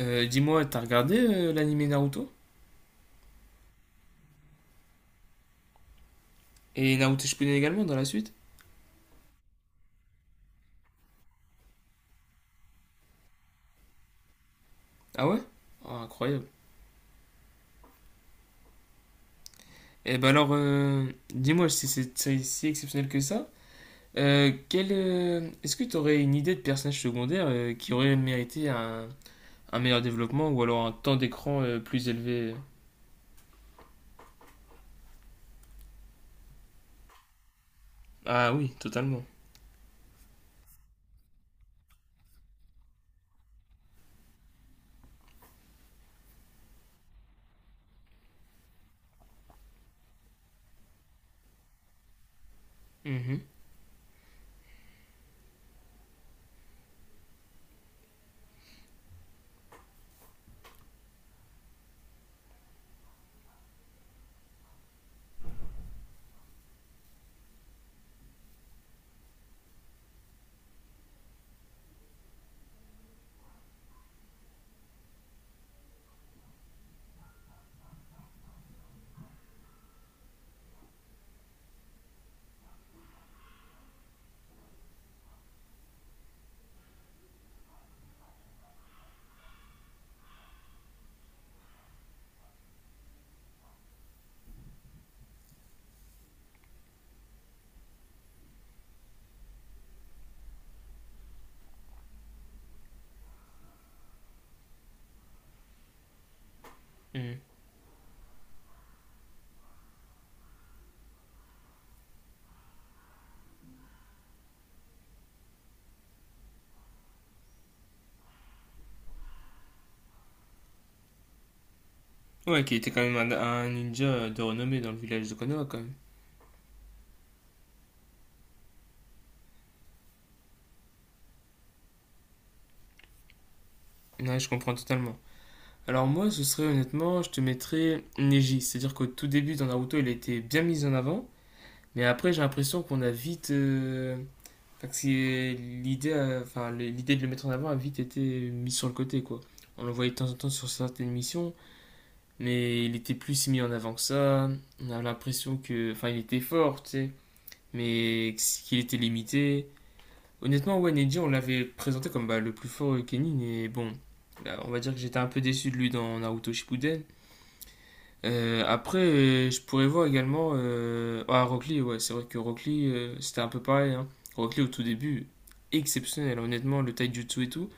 Dis-moi, t'as regardé l'anime Naruto? Et Naruto Shippuden également dans la suite? Ah, ouais. Ah, incroyable. Et bah alors, dis-moi si c'est si exceptionnel que ça. Est-ce que t'aurais une idée de personnage secondaire qui aurait mérité un meilleur développement ou alors un temps d'écran plus élevé? Ah, oui, totalement. Mhm, mhm. Ouais, qui était quand même un ninja de renommée dans le village de Konoha quand même. Ouais, je comprends totalement. Alors moi, ce serait honnêtement, je te mettrais Neji. C'est-à-dire qu'au tout début dans Naruto, il a été bien mis en avant, mais après j'ai l'impression qu'on a vite... Enfin, que l'idée, enfin, l'idée de le mettre en avant a vite été mise sur le côté, quoi. On le voyait de temps en temps sur certaines missions, mais il était plus si mis en avant que ça. On a l'impression que... Enfin, il était fort, tu sais, mais qu'il était limité. Honnêtement, ouais, Neji, on l'avait présenté comme bah, le plus fort Kenin, et bon... là, on va dire que j'étais un peu déçu de lui dans Naruto Shippuden. Après, je pourrais voir également. Ah, Rock Lee, ouais, c'est vrai que Rock Lee, c'était un peu pareil, hein. Rock Lee, au tout début, exceptionnel, hein, honnêtement, le taijutsu et tout.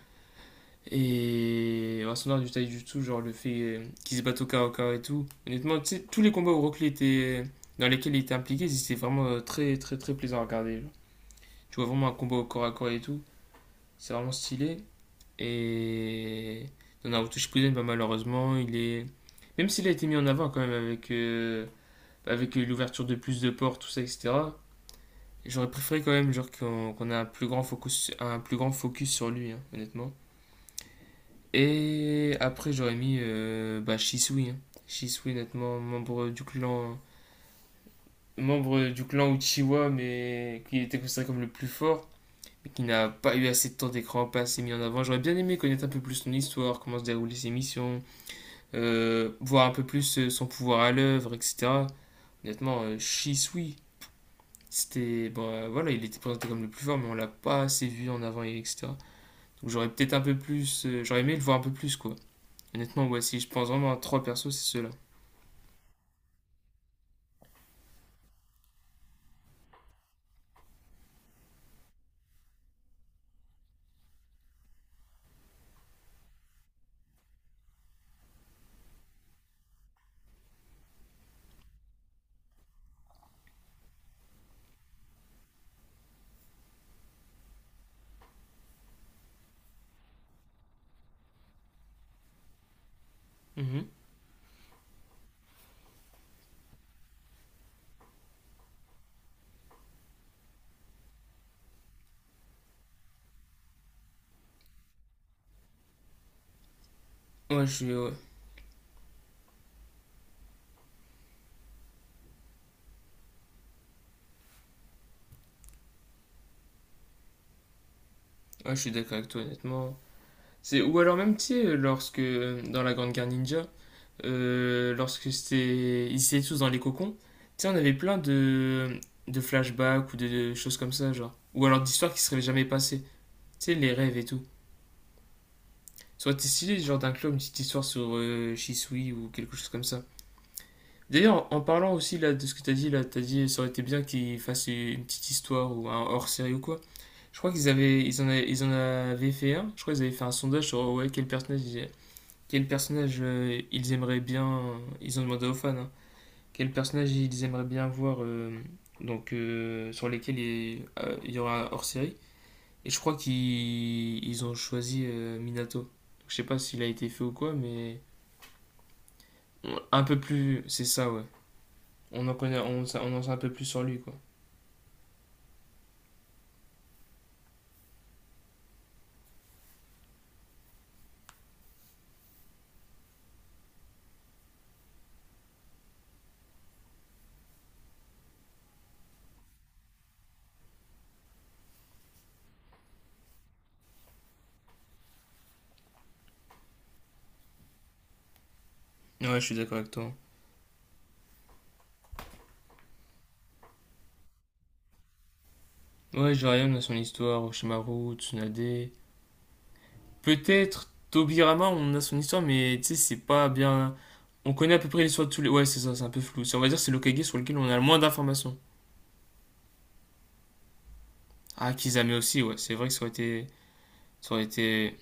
Et en son art du taijutsu, genre le fait qu'il se batte au corps à corps et tout. Honnêtement, tu sais, tous les combats où Rock Lee était, dans lesquels il était impliqué, c'était vraiment très, très, très plaisant à regarder, genre. Tu vois vraiment un combat au corps à corps et tout. C'est vraiment stylé. Et. Dans Naruto Shippuden, bah, malheureusement, il est. Même s'il a été mis en avant quand même avec, avec l'ouverture de plus de portes, tout ça, etc. J'aurais préféré quand même genre qu'on ait un plus grand focus, un plus grand focus sur lui, hein, honnêtement. Et après j'aurais mis bah, Shisui, hein. Shisui, honnêtement, membre du clan Uchiwa, mais qui était considéré comme le plus fort, mais qui n'a pas eu assez de temps d'écran, pas assez mis en avant. J'aurais bien aimé connaître un peu plus son histoire, comment se déroulent ses missions, voir un peu plus son pouvoir à l'œuvre, etc. Honnêtement, Shisui, c'était. Bon, voilà, il était présenté comme le plus fort, mais on l'a pas assez vu en avant, et etc. Donc j'aurais peut-être un peu plus, j'aurais aimé le voir un peu plus, quoi. Honnêtement, ouais, si je pense vraiment à trois persos, c'est ceux-là. Mhm. Ouais, je suis, ouais. Ouais, je suis d'accord avec toi, honnêtement. C'est, ou alors même, tu sais, lorsque, dans la Grande Guerre Ninja, lorsque c'était. Ils étaient tous dans les cocons, tu sais, on avait plein de flashbacks ou de choses comme ça, genre. Ou alors d'histoires qui seraient jamais passées. Tu sais, les rêves et tout. Soit stylé, genre d'inclure une petite histoire sur Shisui ou quelque chose comme ça. D'ailleurs, en parlant aussi là de ce que t'as dit là, t'as dit ça aurait été bien qu'ils fassent une petite histoire ou un hors-série ou quoi. Je crois qu'ils avaient, ils en avaient, ils en avaient fait un. Je crois qu'ils avaient fait un sondage sur, ouais, quel personnage ils aimeraient bien. Ils ont demandé aux fans, hein. Quel personnage ils aimeraient bien voir, donc sur lesquels il y aura un hors-série. Et je crois qu'ils ils ont choisi Minato. Donc, je sais pas s'il a été fait ou quoi, mais un peu plus. C'est ça, ouais. On en connaît, on, sa- On en sait un peu plus sur lui, quoi. Ouais, je suis d'accord avec toi. Ouais, Jiraiya, on a son histoire, Oshimaru, Tsunade. Peut-être Tobirama, on a son histoire, mais tu sais, c'est pas bien. On connaît à peu près l'histoire de tous les. Ouais, c'est ça, c'est un peu flou. On va dire que c'est l'Okage sur lequel on a le moins d'informations. Ah, Kizame aussi, ouais, c'est vrai que ça aurait été. Ça aurait été.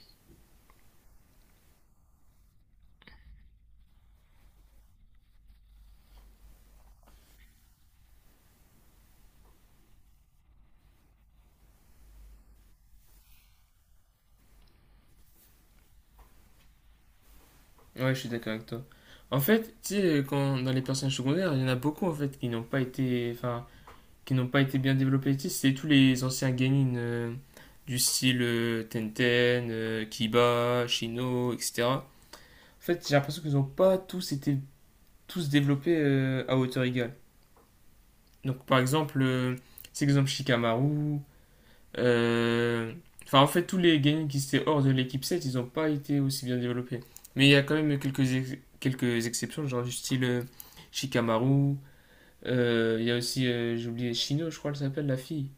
Ouais, je suis d'accord avec toi. En fait, tu sais, quand dans les personnages secondaires, il y en a beaucoup en fait qui n'ont pas été. Enfin, qui n'ont pas été bien développés ici, c'est tous les anciens genin, du style Tenten, Kiba, Shino, etc. En fait, j'ai l'impression qu'ils n'ont pas tous été tous développés à hauteur égale. Donc, par exemple, c'est exemple Shikamaru. euh, Enfin, en fait, tous les genin qui étaient hors de l'équipe 7, ils n'ont pas été aussi bien développés. Mais il y a quand même quelques exceptions, genre du style Shikamaru. Il Y a aussi, j'ai oublié, Shino, je crois, elle s'appelle la fille.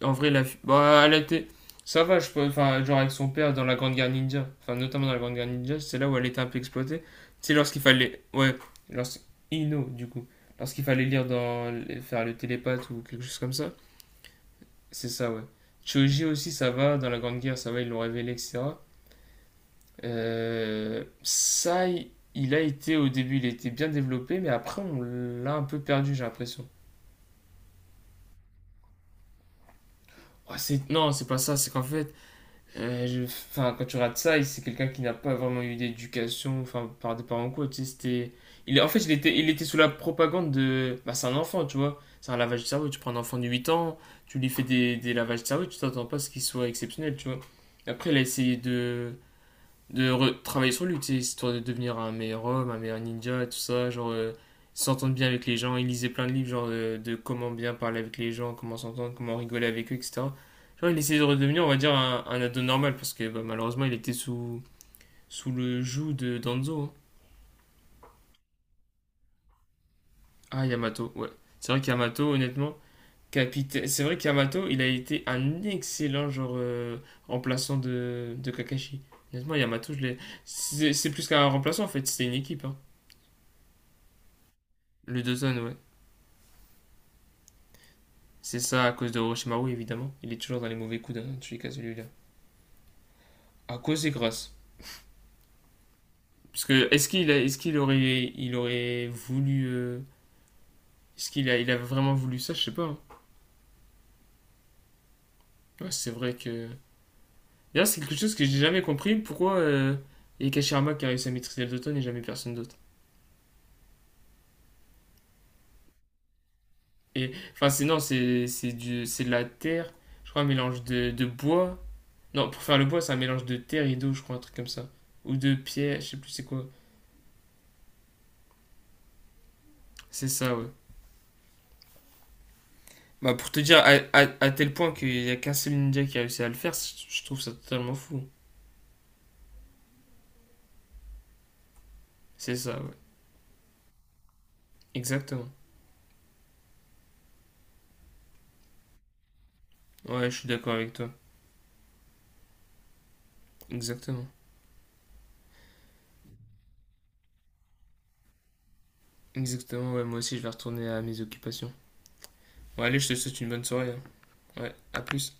En vrai, bah, elle était, ça va, je peux, enfin, genre avec son père dans la Grande Guerre Ninja, enfin, notamment dans la Grande Guerre Ninja, c'est là où elle était un peu exploitée. Tu sais, lorsqu'il fallait, ouais, lorsqu'il Ino, du coup, lorsqu'il fallait lire faire le télépathe ou quelque chose comme ça, c'est ça, ouais. Choji aussi, ça va, dans la Grande Guerre, ça va, ils l'ont révélé, etc. Ça, il a été, au début, il était bien développé, mais après, on l'a un peu perdu, j'ai l'impression. Oh, non, c'est pas ça, c'est qu'en fait. Enfin, quand tu regardes ça, c'est quelqu'un qui n'a pas vraiment eu d'éducation, enfin, par des parents quoi, tu sais, c'était... Il, en fait, il était sous la propagande de... Bah, c'est un enfant, tu vois. C'est un lavage de cerveau. Tu prends un enfant de 8 ans, tu lui fais des lavages de cerveau, tu t'attends pas à ce qu'il soit exceptionnel, tu vois. Après, il a essayé de travailler sur lui, histoire de devenir un meilleur homme, un meilleur ninja, et tout ça, genre, s'entendre bien avec les gens, il lisait plein de livres genre, de comment bien parler avec les gens, comment s'entendre, comment rigoler avec eux, etc. Genre il essayait de redevenir, on va dire, un ado normal, parce que bah, malheureusement il était sous, le joug de Danzo, hein. Ah, Yamato, ouais. C'est vrai qu'Yamato, honnêtement, capitaine... c'est vrai qu'Yamato, il a été un excellent genre, remplaçant de Kakashi. Honnêtement, Yamato, je l'ai... C'est plus qu'un remplaçant en fait, c'était une équipe, hein. Le Dozon, ouais. C'est ça à cause de Orochimaru, évidemment. Il est toujours dans les mauvais coups d'un tous les cas, celui-là. À cause des grâces. Parce que est-ce qu'il aurait, il aurait voulu. Est-ce qu'il a vraiment voulu ça? Je sais pas, hein. Ouais, c'est vrai que. D'ailleurs, c'est quelque chose que j'ai jamais compris. Pourquoi il y a Kashirama qui a réussi à maîtriser le Doton et jamais personne d'autre? Et. Enfin, c'est non, c'est du- c'est de la terre. Je crois un mélange de bois. Non, pour faire le bois, c'est un mélange de terre et d'eau, je crois, un truc comme ça. Ou de pierre, je sais plus c'est quoi. C'est ça, ouais. Bah, pour te dire, à tel point qu'il n'y a qu'un seul ninja qui a réussi à le faire, je trouve ça totalement fou. C'est ça, ouais. Exactement. Ouais, je suis d'accord avec toi. Exactement. Exactement, ouais, moi aussi je vais retourner à mes occupations. Bon, allez, je te souhaite une bonne soirée, hein. Ouais, à plus.